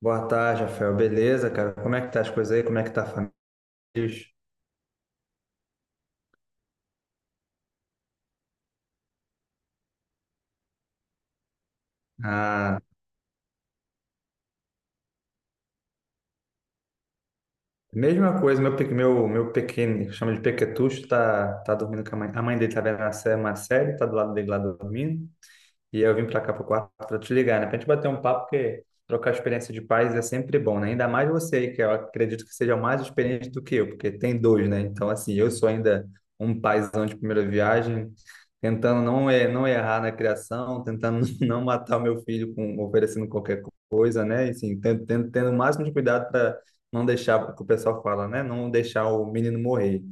Boa tarde, Rafael. Beleza, cara? Como é que tá as coisas aí? Como é que tá a família? Ah, mesma coisa, meu, meu pequeno, que chama de pequetucho, tá dormindo com a mãe. A mãe dele tá vendo uma série, tá do lado dele lá dormindo. E eu vim pra cá pro quarto pra te ligar, né? Pra gente bater um papo, porque trocar experiência de pais é sempre bom, né? Ainda mais você aí, que eu acredito que seja mais experiente do que eu, porque tem dois, né? Então, assim, eu sou ainda um paizão de primeira viagem, tentando não errar na criação, tentando não matar o meu filho com oferecendo qualquer coisa, né? E, assim, tendo o máximo de cuidado para não deixar, o que o pessoal fala, né? Não deixar o menino morrer.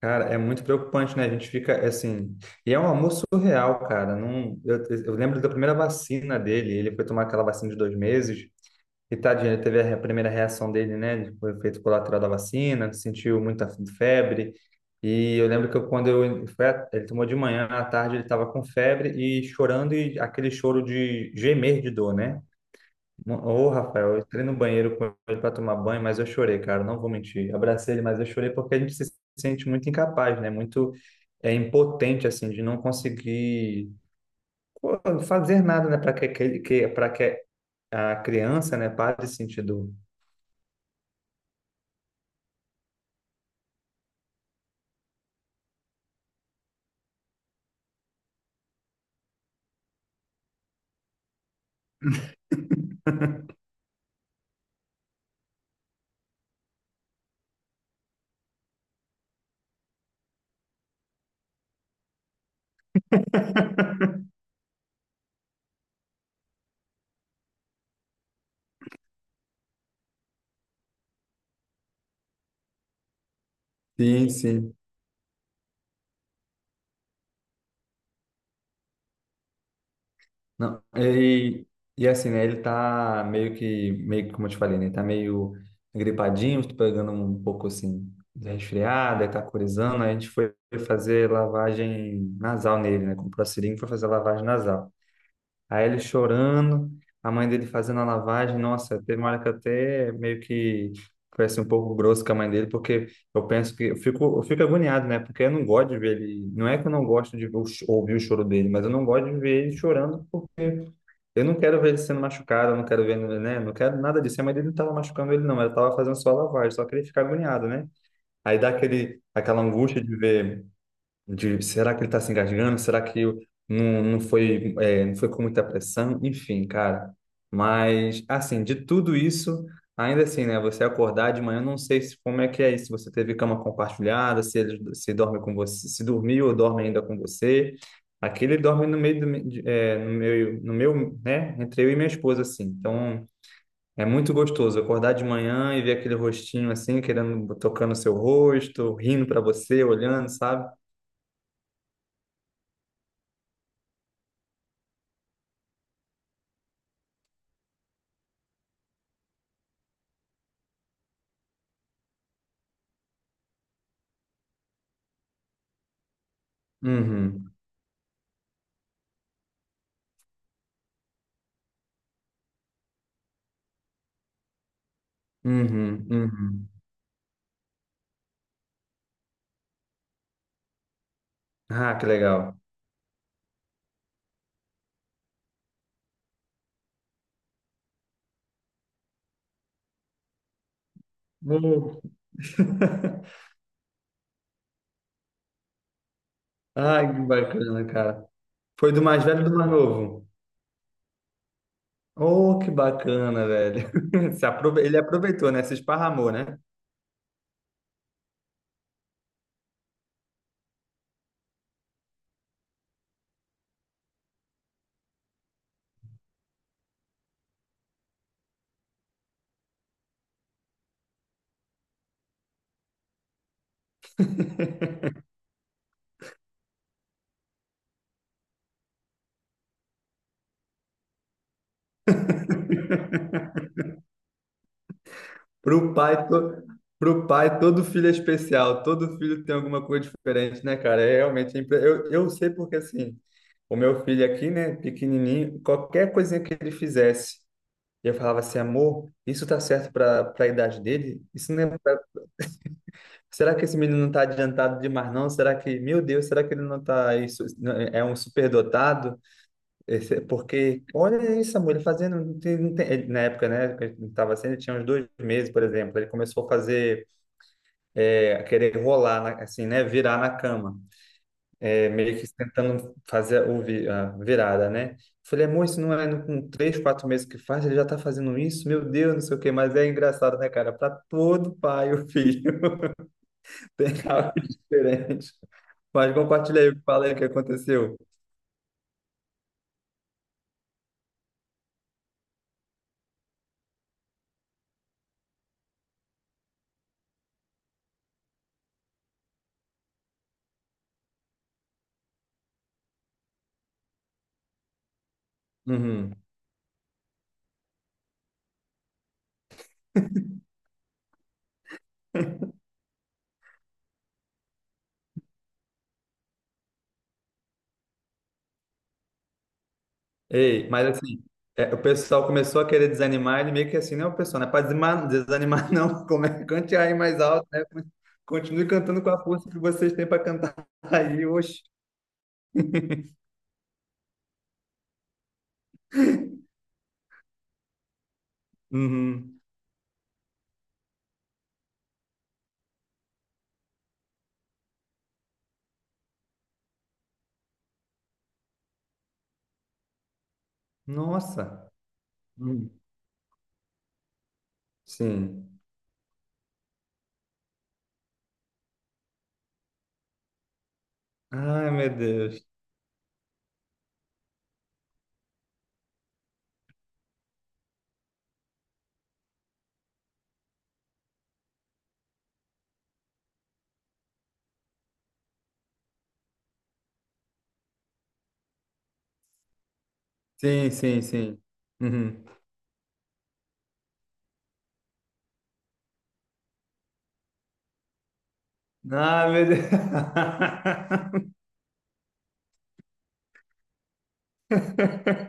Cara, é muito preocupante, né? A gente fica é assim. E é um amor surreal, cara. Não, eu lembro da primeira vacina dele. Ele foi tomar aquela vacina de 2 meses. E tadinho, ele teve a primeira reação dele, né? Foi efeito colateral da vacina, sentiu muita febre. E eu lembro que eu, quando eu, foi, a- ele tomou de manhã, à tarde ele estava com febre e chorando, e aquele choro de gemer de dor, né? Ô, Rafael, eu entrei no banheiro com ele para tomar banho, mas eu chorei, cara, não vou mentir. Abracei ele, mas eu chorei porque a gente se sente muito incapaz, né? Muito impotente, assim, de não conseguir pô, fazer nada, né? Para que a criança, né, pare de sentir dor. Sim, sim. Não, e assim, né? Ele tá meio que, como eu te falei, né? Ele tá meio gripadinho, tô pegando um pouco assim, de resfriado, aí tá corizando. Aí a gente foi fazer lavagem nasal nele, né? Comprou a seringa e foi fazer a lavagem nasal. Aí ele chorando, a mãe dele fazendo a lavagem. Nossa, teve uma hora que eu até meio que foi assim, um pouco grosso com a mãe dele, porque eu penso que eu fico agoniado, né? Porque eu não gosto de ver ele. Não é que eu não gosto de ouvir o choro dele, mas eu não gosto de ver ele chorando porque eu não quero ver ele sendo machucado, eu não quero ver, né? Não quero nada disso. A mãe dele não estava machucando ele, não. Ela estava fazendo só a lavagem, só que ele fica agoniado, né? Aí dá aquela angústia de ver, de será que ele está se engasgando? Não, não foi, não foi com muita pressão? Enfim, cara. Mas, assim, de tudo isso, ainda assim, né? Você acordar de manhã, eu não sei se, como é que é isso. Se você teve cama compartilhada, se ele se dorme com você, se dormiu ou dorme ainda com você. Aqui ele dorme no meio do, me- de- é, no meu, no meu, né? Entre eu e minha esposa, assim. Então, é muito gostoso acordar de manhã e ver aquele rostinho assim, querendo, tocando o seu rosto, rindo para você, olhando, sabe? Uhum. Uhum, uhum. Ah, que legal. Oh. Ai, que bacana, cara. Foi do mais velho e do mais novo. Oh, que bacana, velho. Se aprove- Ele aproveitou, né? Se esparramou, né? Pro pai, to... Pro pai, todo filho é especial. Todo filho tem alguma coisa diferente, né, cara? É realmente... é impre- eu sei porque, assim, o meu filho aqui, né, pequenininho, qualquer coisinha que ele fizesse, eu falava assim, amor, isso tá certo para a idade dele? Isso não é Será que esse menino não está adiantado demais, não? Será que, meu Deus, será que ele não está isso, é um superdotado? Porque, olha isso, amor, ele fazendo, não tem- não tem- ele- na época, né, que ele estava sendo, ele tinha uns 2 meses, por exemplo, ele começou a fazer, querer rolar, assim, né, virar na cama, meio que tentando fazer a virada, né? Falei, amor, isso não é com 3, 4 meses que faz, ele já está fazendo isso? Meu Deus, não sei o quê, mas é engraçado, né, cara? Para todo pai, o filho tem algo diferente. Mas compartilha aí o que fala aí o que aconteceu. Uhum. Ei, mas assim, o pessoal começou a querer desanimar, ele meio que assim, não, pessoal, não é para desanimar, desanimar não, como é, cante aí mais alto, né? Continue cantando com a força que vocês têm para cantar aí, oxe. Uhum. Nossa. Uhum. Sim. Ai, meu Deus. Sim, sim, sim. Uhum. Ah, meu Deus.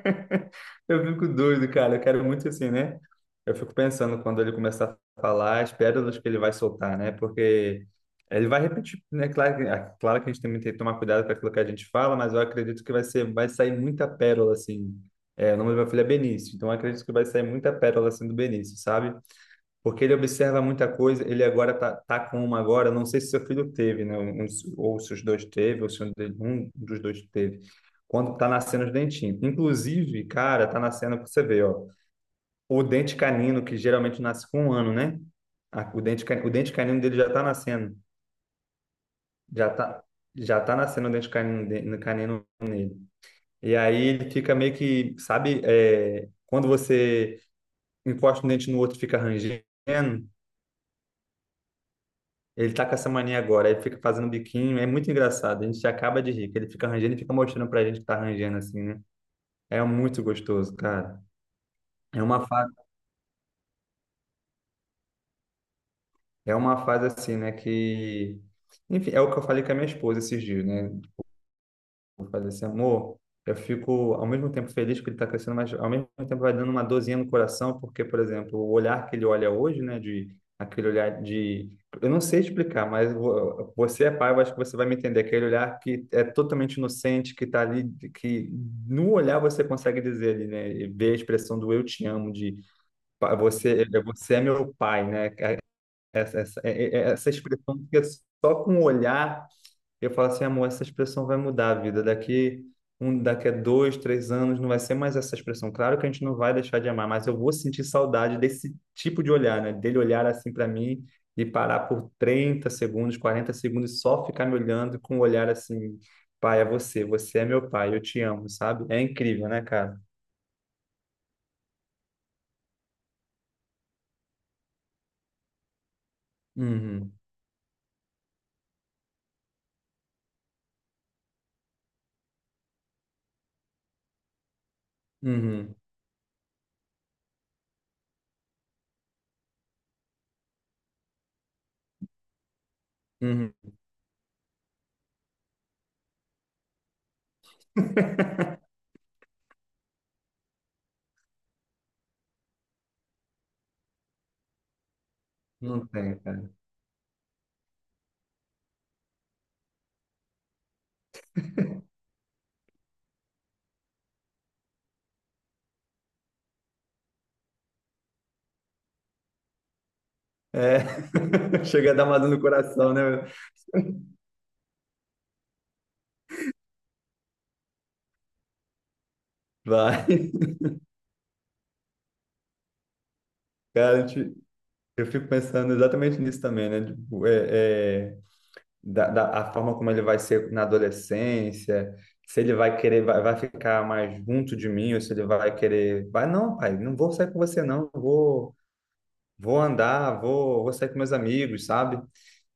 Eu fico doido, cara. Eu quero muito assim, né? Eu fico pensando quando ele começar a falar as pérolas que ele vai soltar, né? Porque ele vai repetir, né? É claro que a gente também tem que tomar cuidado com aquilo que a gente fala, mas eu acredito que vai ser, vai sair muita pérola, assim. É, o nome do meu filho é Benício, então eu acredito que vai sair muita pérola, assim, do Benício, sabe? Porque ele observa muita coisa, ele agora tá com uma agora, não sei se seu filho teve, né? Ou se os dois teve, ou se um dos dois teve. Quando tá nascendo os dentinhos. Inclusive, cara, tá nascendo, você vê, ó, o dente canino, que geralmente nasce com 1 ano, né? O dente canino dele já tá nascendo. Já tá, já tá nascendo o dente canino, no canino nele. E aí ele fica meio que, sabe, quando você encosta um dente no outro, e fica rangendo. Ele tá com essa mania agora, ele fica fazendo biquinho, é muito engraçado. A gente acaba de rir, que ele fica arranjando e fica mostrando pra gente que tá arranjando assim, né? É muito gostoso, cara. É uma fase, é uma fase assim, né, que enfim, é o que eu falei com a minha esposa esses dias, né? Vou fazer assim, amor, eu fico ao mesmo tempo feliz que ele está crescendo, mas ao mesmo tempo vai dando uma dorzinha no coração, porque, por exemplo, o olhar que ele olha hoje, né, de aquele olhar de, eu não sei explicar, mas você é pai, eu acho que você vai me entender, aquele olhar que é totalmente inocente, que está ali, que no olhar você consegue dizer ali, né, e ver a expressão do eu te amo, de você, você é meu pai, né, essa expressão que é só com o olhar eu falo assim, amor, essa expressão vai mudar a vida. Daqui a 2, 3 anos, não vai ser mais essa expressão. Claro que a gente não vai deixar de amar, mas eu vou sentir saudade desse tipo de olhar, né? Dele olhar assim para mim e parar por 30 segundos, 40 segundos, e só ficar me olhando com um olhar assim, pai, é você, você é meu pai, eu te amo, sabe? É incrível, né, cara? Uhum, uhum, uhum. Não tem, cara. É, chega a dar uma dor no coração, né? Vai. Cara, eu fico pensando exatamente nisso também, né? Tipo, a forma como ele vai ser na adolescência, se ele vai querer, vai ficar mais junto de mim, ou se ele vai querer, não, pai, não vou sair com você, não, eu vou andar, vou sair com meus amigos, sabe?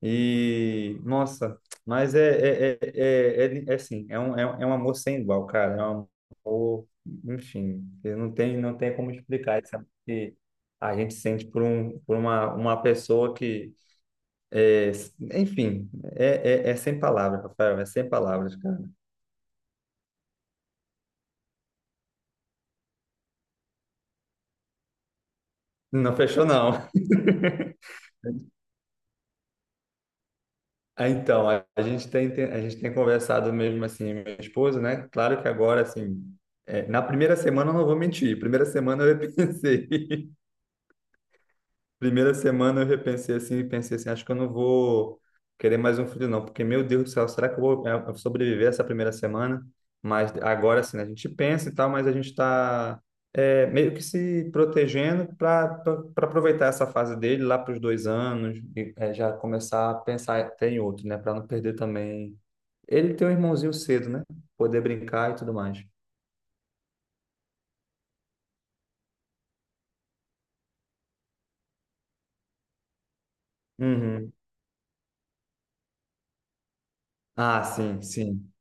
E, nossa, mas é assim, é um amor sem igual, cara. É um amor, enfim, eu não tem como explicar isso que a gente sente por uma pessoa que, é, enfim, é sem palavras, Rafael, é sem palavras, cara. Não fechou, não. Ah, então, a gente tem conversado mesmo assim, minha esposa, né? Claro que agora, assim, na primeira semana eu não vou mentir. Primeira semana eu pensei. Primeira semana eu repensei assim, e pensei assim, acho que eu não vou querer mais um filho não, porque meu Deus do céu, será que eu vou sobreviver essa primeira semana? Mas agora assim, né, a gente pensa e tal, mas a gente está meio que se protegendo para aproveitar essa fase dele lá para os 2 anos e já começar a pensar até em outro, né, para não perder também. Ele tem um irmãozinho cedo, né? Poder brincar e tudo mais. Uhum. Ah, sim, sim.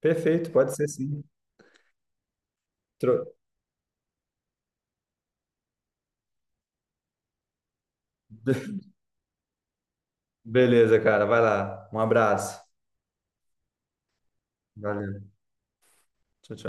Perfeito, pode ser sim. Tro... Beleza, cara. Vai lá. Um abraço. Valeu. Tchau, tchau.